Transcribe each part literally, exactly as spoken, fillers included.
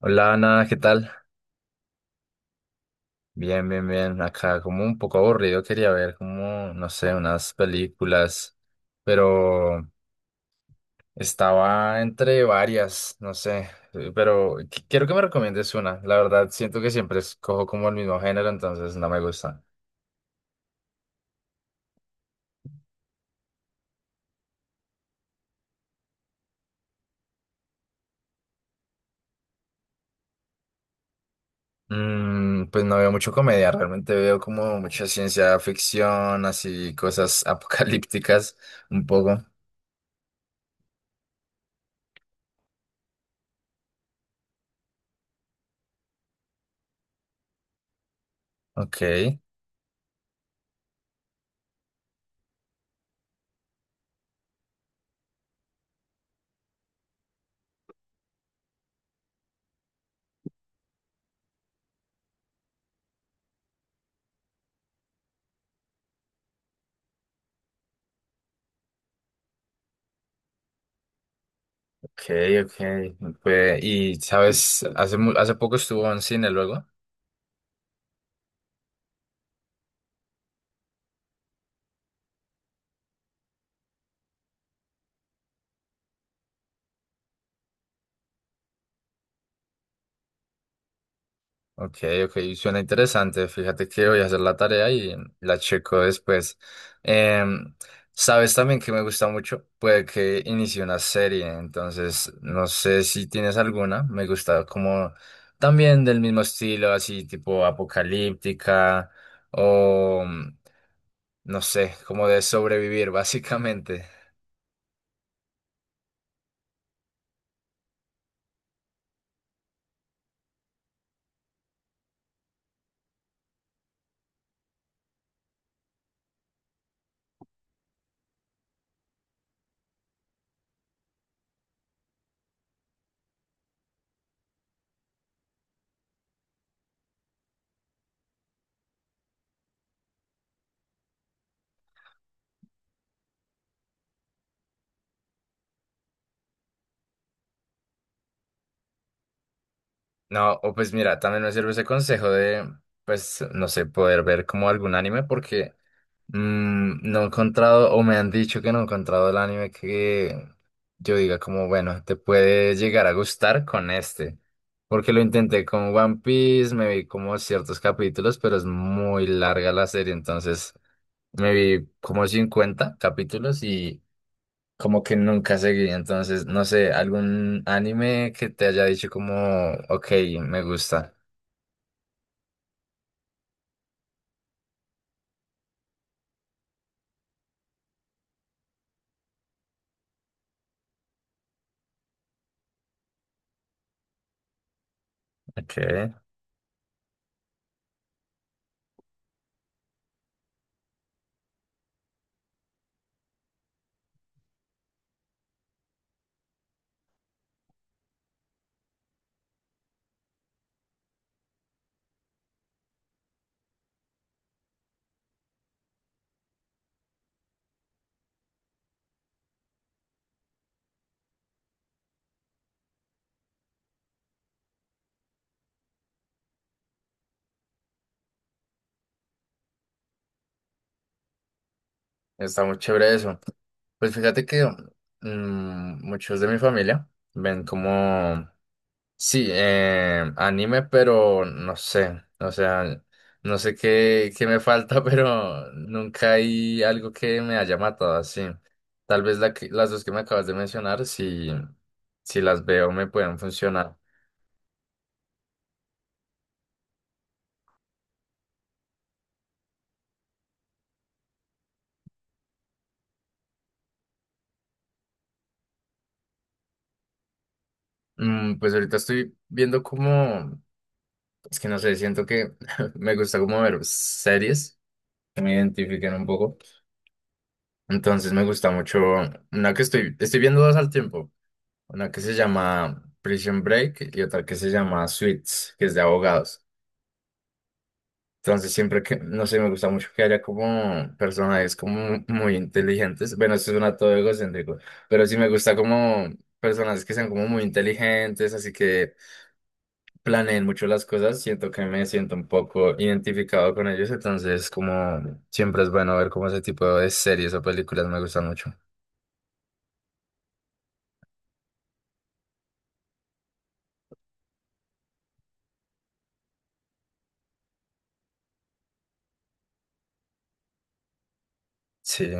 Hola Ana, ¿qué tal? Bien, bien, bien. Acá como un poco aburrido, quería ver como, no sé, unas películas, pero estaba entre varias, no sé, eh, pero qu- quiero que me recomiendes una. La verdad, siento que siempre escojo como el mismo género, entonces no me gusta. Mm, pues no veo mucho comedia, realmente veo como mucha ciencia ficción, así cosas apocalípticas, un poco. Ok. Ok, ok. Pues, y sabes, hace, mu- hace poco estuvo en cine luego. Ok, ok, suena interesante. Fíjate que voy a hacer la tarea y la checo después. Em, sabes también que me gusta mucho, puede que inicie una serie, entonces no sé si tienes alguna. Me gusta como también del mismo estilo, así tipo apocalíptica o mm, no sé, como de sobrevivir básicamente. No, o pues mira, también me sirve ese consejo de, pues, no sé, poder ver como algún anime porque mm, no he encontrado, o me han dicho que no he encontrado el anime que yo diga como, bueno, te puede llegar a gustar con este. Porque lo intenté con One Piece, me vi como ciertos capítulos, pero es muy larga la serie, entonces me vi como cincuenta capítulos y como que nunca seguí. Entonces, no sé, algún anime que te haya dicho como, ok, me gusta. Ok, está muy chévere eso. Pues fíjate que mm, muchos de mi familia ven como, sí, eh, anime, pero no sé, o sea, no sé qué, qué me falta, pero nunca hay algo que me haya matado así. Tal vez la que- las dos que me acabas de mencionar, si, si las veo, me pueden funcionar. Mm, pues ahorita estoy viendo como, es que no sé, siento que me gusta como ver series que me identifiquen un poco. Entonces me gusta mucho una que estoy, estoy viendo dos al tiempo. Una que se llama Prison Break y otra que se llama Suits, que es de abogados. Entonces siempre que, no sé, me gusta mucho que haya como personajes como muy inteligentes. Bueno, esto suena todo egocéntrico, pero sí me gusta como personajes que sean como muy inteligentes, así que planeen mucho las cosas. Siento que me siento un poco identificado con ellos, entonces como siempre es bueno ver como ese tipo de series o películas me gustan mucho. Sí.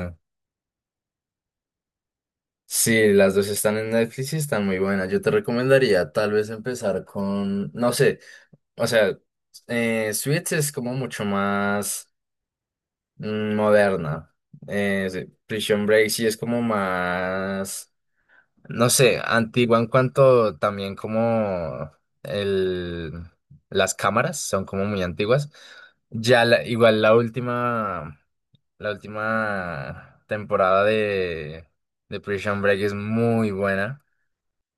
Sí, las dos están en Netflix y están muy buenas. Yo te recomendaría tal vez empezar con, no sé, o sea, eh, Suits es como mucho más mm, moderna. Eh, sí, Prison Break sí es como más, no sé, antigua en cuanto también como el, las cámaras son como muy antiguas. Ya la- igual la última, la última temporada de, de Prison Break es muy buena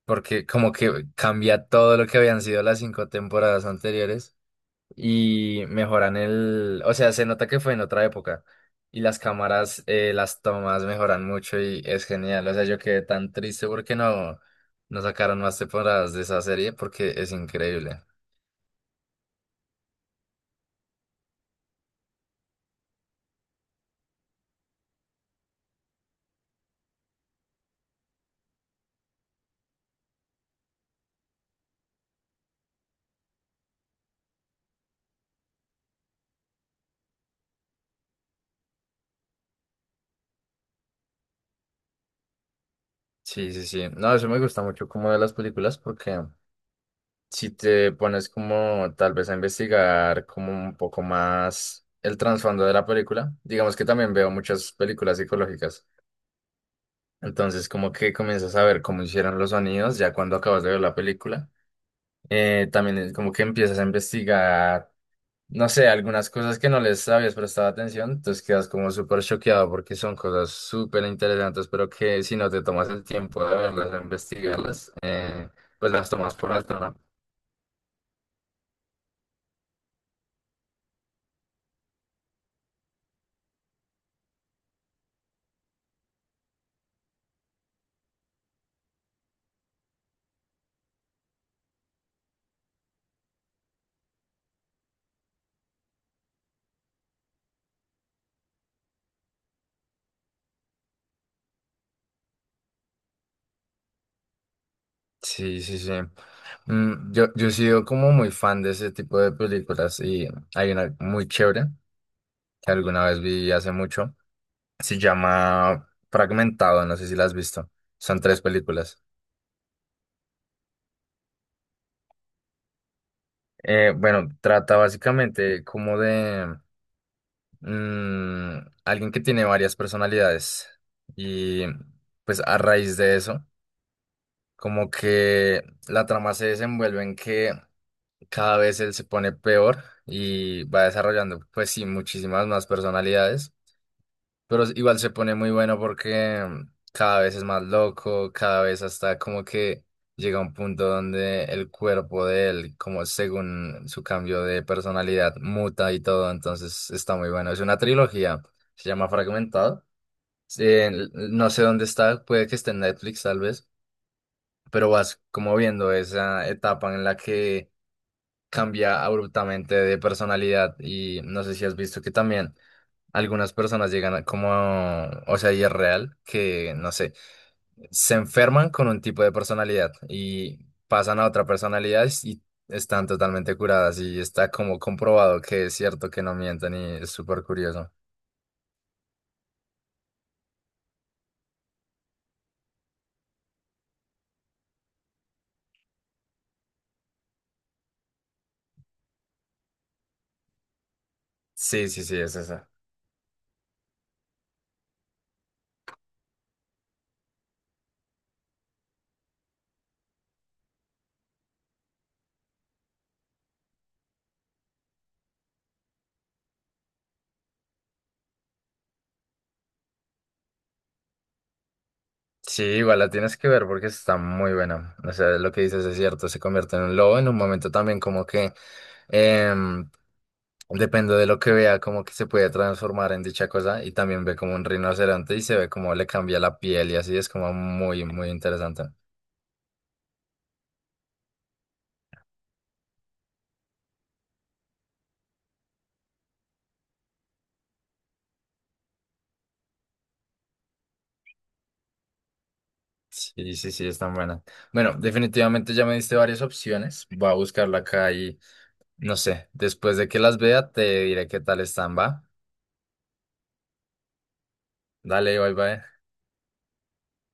porque como que cambia todo lo que habían sido las cinco temporadas anteriores y mejoran el, o sea, se nota que fue en otra época y las cámaras, eh, las tomas mejoran mucho y es genial, o sea, yo quedé tan triste porque no, no sacaron más temporadas de esa serie porque es increíble. Sí, sí, sí, no, eso me gusta mucho como de las películas porque si te pones como tal vez a investigar como un poco más el trasfondo de la película, digamos que también veo muchas películas psicológicas. Entonces, como que comienzas a ver cómo hicieron los sonidos ya cuando acabas de ver la película. Eh, también es como que empiezas a investigar, no sé, algunas cosas que no les habías prestado atención, entonces quedas como súper choqueado porque son cosas súper interesantes, pero que si no te tomas el tiempo de verlas, de investigarlas, eh, pues las tomas por alto, ¿no? Sí, sí, sí. Mm, yo, yo he sido como muy fan de ese tipo de películas y hay una muy chévere que alguna vez vi hace mucho Se llama Fragmentado, no sé si la has visto. Son tres películas. Eh, bueno, trata básicamente como de mm, alguien que tiene varias personalidades y pues a raíz de eso, como que la trama se desenvuelve en que cada vez él se pone peor y va desarrollando pues sí muchísimas más personalidades. Pero igual se pone muy bueno porque mm, cada vez es más loco, cada vez hasta como que llega a un punto donde el cuerpo de él, como según su cambio de personalidad, muta y todo, entonces está muy bueno. Es una trilogía, se llama Fragmentado. Eh, l- no sé dónde está, puede que esté en Netflix tal vez, pero vas como viendo esa etapa en la que cambia abruptamente de personalidad y no sé si has visto que también. Algunas personas llegan a- como, a- o sea, y es real que, no sé, se enferman con un tipo de personalidad y pasan a otra personalidad y están totalmente curadas y está como comprobado que es cierto que no mienten y es súper curioso. Sí, sí, sí, es eso. Sí, igual la tienes que ver porque está muy buena. O sea, lo que dices es cierto, se convierte en un lobo en un momento también como que em, depende de lo que vea, como que se puede transformar en dicha cosa y también ve como un rinoceronte y se ve como le cambia la piel y así es como muy, muy interesante. Sí, sí, sí, es tan buena. Bueno, definitivamente ya me diste varias opciones. Voy a buscarla acá y no sé, después de que las vea te diré qué tal están, ¿va? Dale, bye bye.